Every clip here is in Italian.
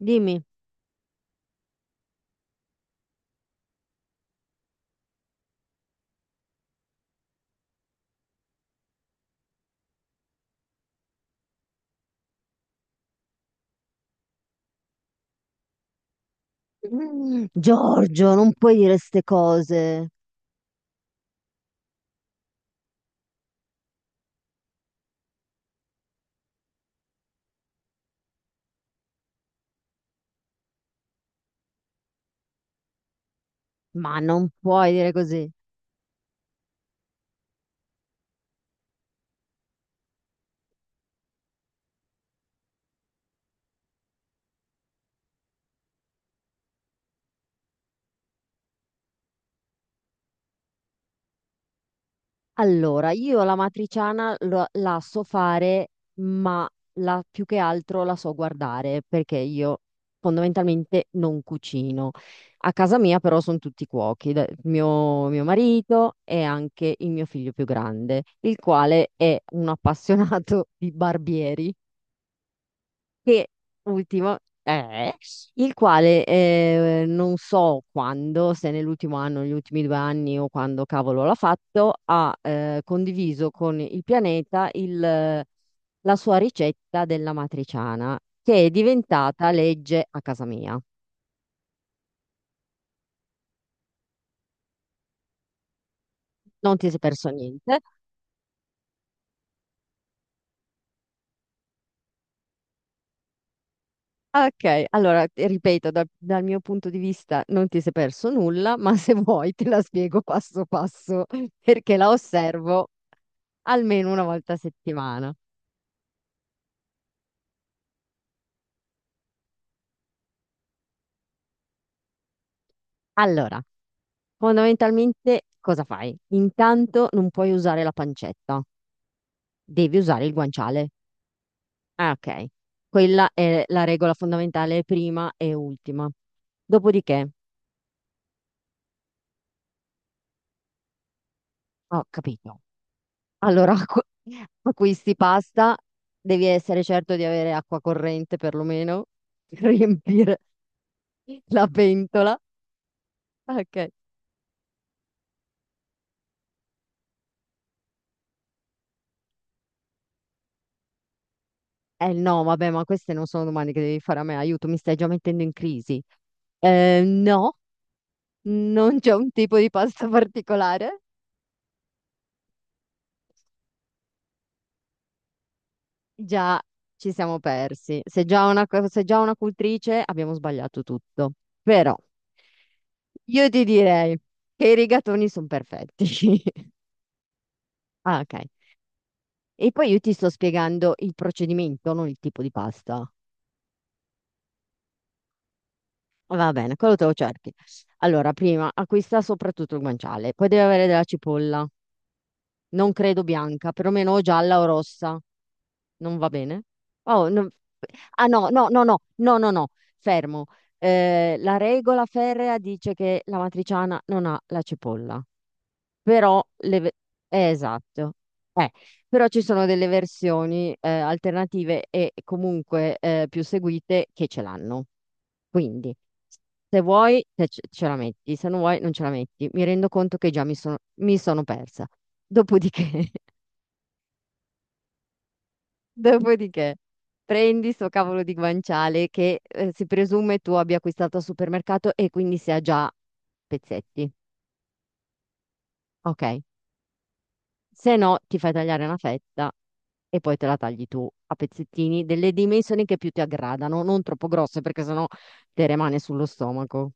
Dimmi. Giorgio, non puoi dire ste cose, ma non puoi dire così. Allora, io la matriciana la so fare, ma più che altro la so guardare, perché io fondamentalmente non cucino. A casa mia però sono tutti cuochi, mio marito e anche il mio figlio più grande, il quale è un appassionato di barbieri. Che ultimo è, il quale non so quando, se nell'ultimo anno, negli ultimi 2 anni o quando cavolo l'ha fatto, ha condiviso con il pianeta la sua ricetta della matriciana, che è diventata legge a casa mia. Non ti sei perso niente. Ah, ok, allora ti ripeto, dal mio punto di vista non ti sei perso nulla, ma se vuoi te la spiego passo passo perché la osservo almeno una volta a settimana. Allora, fondamentalmente cosa fai? Intanto non puoi usare la pancetta, devi usare il guanciale. Ah, ok. Quella è la regola fondamentale prima e ultima. Dopodiché, ho capito. Allora, acquisti pasta, devi essere certo di avere acqua corrente perlomeno per riempire la pentola. Ok. Eh no, vabbè, ma queste non sono domande che devi fare a me, aiuto, mi stai già mettendo in crisi. No, non c'è un tipo di pasta particolare. Già ci siamo persi. Se già una, se già una cultrice abbiamo sbagliato tutto. Però io ti direi che i rigatoni sono perfetti. Ah, ok. E poi io ti sto spiegando il procedimento, non il tipo di pasta. Va bene, quello te lo cerchi. Allora, prima acquista soprattutto il guanciale, poi deve avere della cipolla, non credo bianca, perlomeno o gialla o rossa, non va bene? Oh, ah no, no, no, no, no, no, no, fermo. La regola ferrea dice che la matriciana non ha la cipolla. Però esatto. Eh, però ci sono delle versioni alternative e comunque più seguite che ce l'hanno. Quindi, se vuoi, te ce la metti, se non vuoi, non ce la metti. Mi rendo conto che già mi sono persa. Dopodiché, dopodiché, prendi sto cavolo di guanciale che si presume tu abbia acquistato al supermercato e quindi sia già a pezzetti. Ok? Se no, ti fai tagliare una fetta e poi te la tagli tu a pezzettini delle dimensioni che più ti aggradano, non troppo grosse perché sennò te rimane sullo stomaco.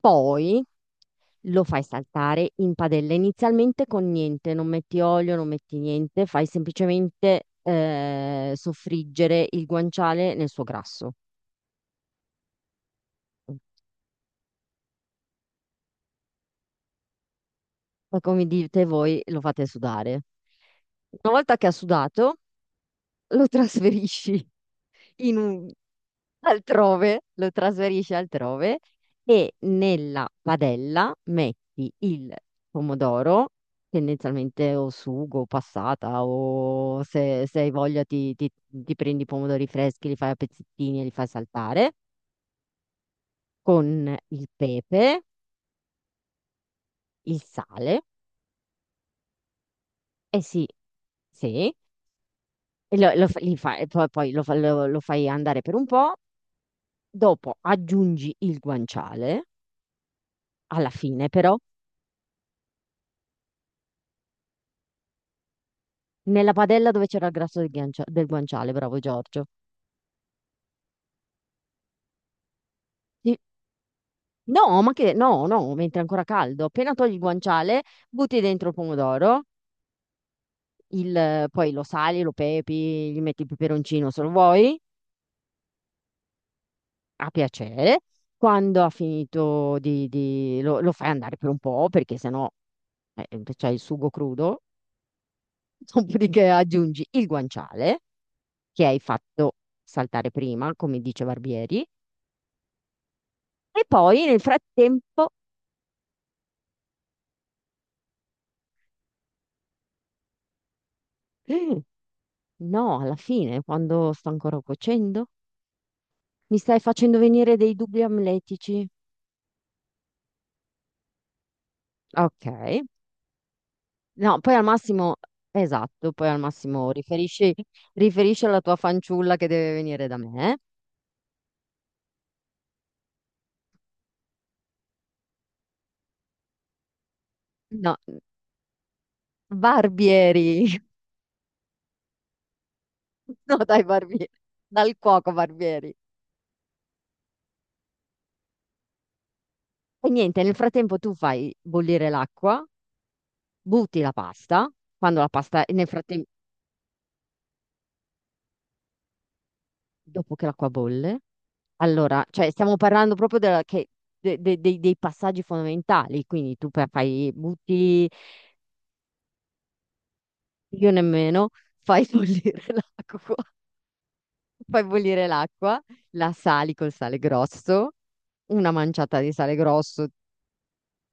Poi lo fai saltare in padella, inizialmente con niente, non metti olio, non metti niente, fai semplicemente soffriggere il guanciale nel suo grasso. Ma come dite voi, lo fate sudare. Una volta che ha sudato, lo trasferisci in un- altrove, lo trasferisci altrove e nella padella metti il pomodoro, tendenzialmente o sugo, o passata, o se, se hai voglia ti prendi i pomodori freschi, li fai a pezzettini e li fai saltare, con il pepe, il sale, e sì, sì, e lo- lo fa- li fa- e poi, poi lo fa- lo- lo fai andare per un po', dopo aggiungi il guanciale, alla fine però nella padella dove c'era il grasso del, del guanciale, bravo Giorgio. Sì. No, ma che no, no, mentre è ancora caldo. Appena togli il guanciale, butti dentro il pomodoro, poi lo sali, lo pepi, gli metti il peperoncino se lo vuoi, a piacere. Quando ha finito di, lo fai andare per un po', perché sennò c'è il sugo crudo, dopodiché aggiungi il guanciale che hai fatto saltare prima, come dice Barbieri, e poi nel frattempo. No, alla fine, quando sto ancora cuocendo, mi stai facendo venire dei dubbi amletici. Ok. No, poi al massimo, esatto, poi al massimo riferisci alla tua fanciulla che deve venire da me. No, barbieri. No, dai, barbieri. Dal cuoco, barbieri. E niente, nel frattempo tu fai bollire l'acqua, butti la pasta, quando la pasta, nel frattempo, dopo che l'acqua bolle. Allora, cioè stiamo parlando proprio dei passaggi fondamentali, quindi tu fai, butti, io nemmeno, fai bollire l'acqua, fai bollire l'acqua, la sali col sale grosso, una manciata di sale grosso,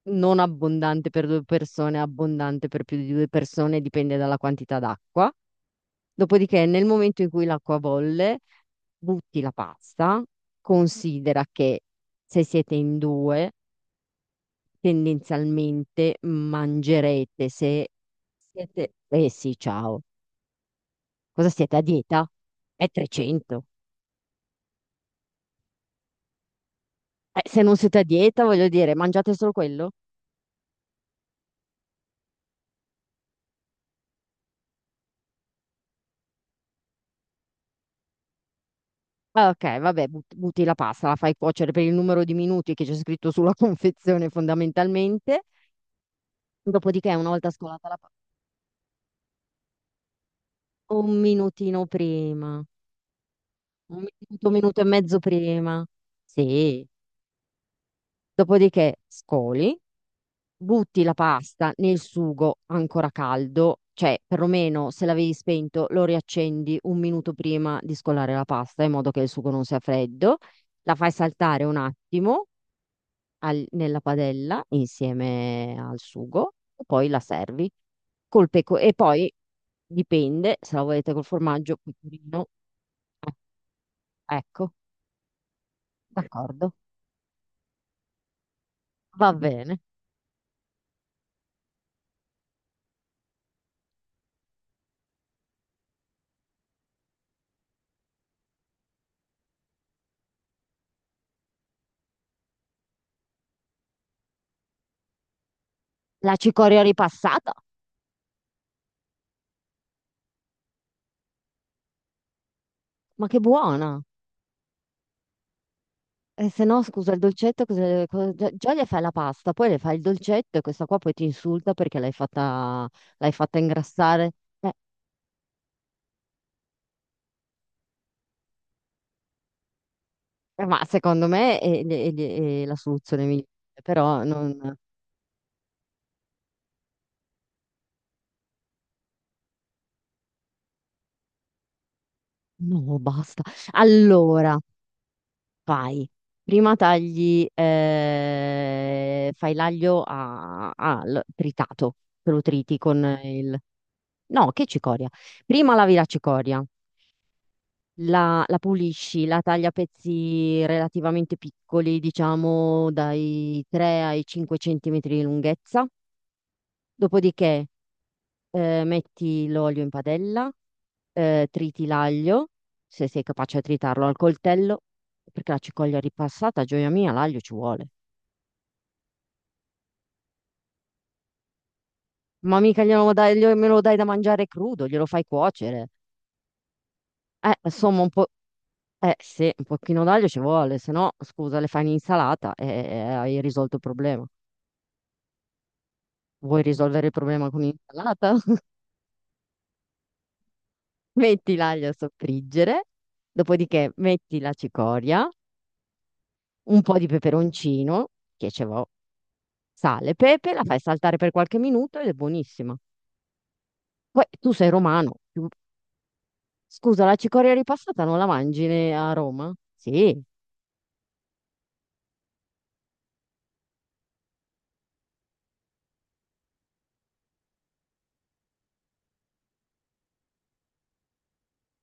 non abbondante per 2 persone, abbondante per più di 2 persone, dipende dalla quantità d'acqua. Dopodiché, nel momento in cui l'acqua bolle, butti la pasta, considera che se siete in due tendenzialmente mangerete se siete... Eh sì, ciao. Cosa siete a dieta? È 300. Se non siete a dieta, voglio dire, mangiate solo quello? Ah, ok, vabbè, butti la pasta, la fai cuocere per il numero di minuti che c'è scritto sulla confezione fondamentalmente. Dopodiché, una volta scolata la pasta, un minutino prima, un minuto e mezzo prima. Sì. Dopodiché scoli, butti la pasta nel sugo ancora caldo, cioè perlomeno se l'avevi spento lo riaccendi un minuto prima di scolare la pasta in modo che il sugo non sia freddo, la fai saltare un attimo nella padella insieme al sugo e poi la servi col peco e poi dipende se la volete col formaggio, pecorino, eh, ecco, d'accordo, va bene. La cicoria ripassata, ma che buona! E se no, scusa, il dolcetto, già, già le fai la pasta, poi le fai il dolcetto e questa qua poi ti insulta perché l'hai fatta ingrassare. Eh, ma secondo me è la soluzione migliore, però non... No, basta. Allora, fai. Prima tagli, fai l'aglio a, al tritato, te lo triti con il... No, che cicoria. Prima lavi la cicoria, la la pulisci, la tagli a pezzi relativamente piccoli, diciamo dai 3 ai 5 centimetri di lunghezza. Dopodiché metti l'olio in padella, triti l'aglio, se sei capace a tritarlo al coltello, perché la cicoglia ripassata, gioia mia, l'aglio ci vuole. Ma mica me lo dai da mangiare crudo, glielo fai cuocere. Insomma, un po', sì, un pochino d'aglio ci vuole, se no, scusa, le fai in insalata e hai risolto il problema. Vuoi risolvere il problema con l'insalata? Metti l'aglio a soffriggere, dopodiché metti la cicoria, un po' di peperoncino, che ce l'ho, sale, pepe, la fai saltare per qualche minuto ed è buonissima. Poi tu sei romano. Scusa, la cicoria ripassata non la mangi a Roma? Sì,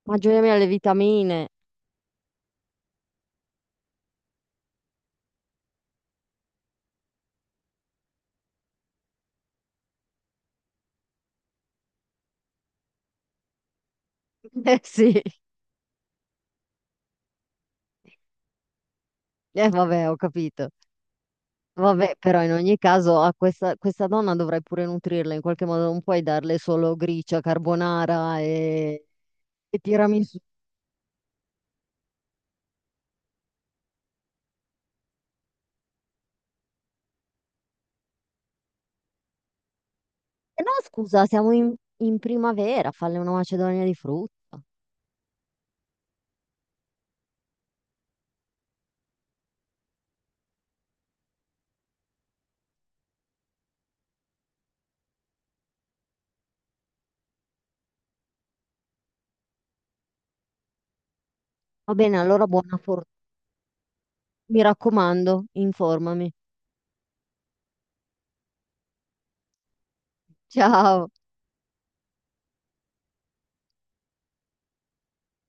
mangiami le vitamine. Eh sì, eh vabbè, ho capito. Vabbè, però in ogni caso a questa donna dovrai pure nutrirla in qualche modo, non puoi darle solo gricia, carbonara e tiramisù. E no, scusa, siamo in primavera, falle una macedonia di frutta. Va bene, allora buona fortuna. Mi raccomando, informami. Ciao.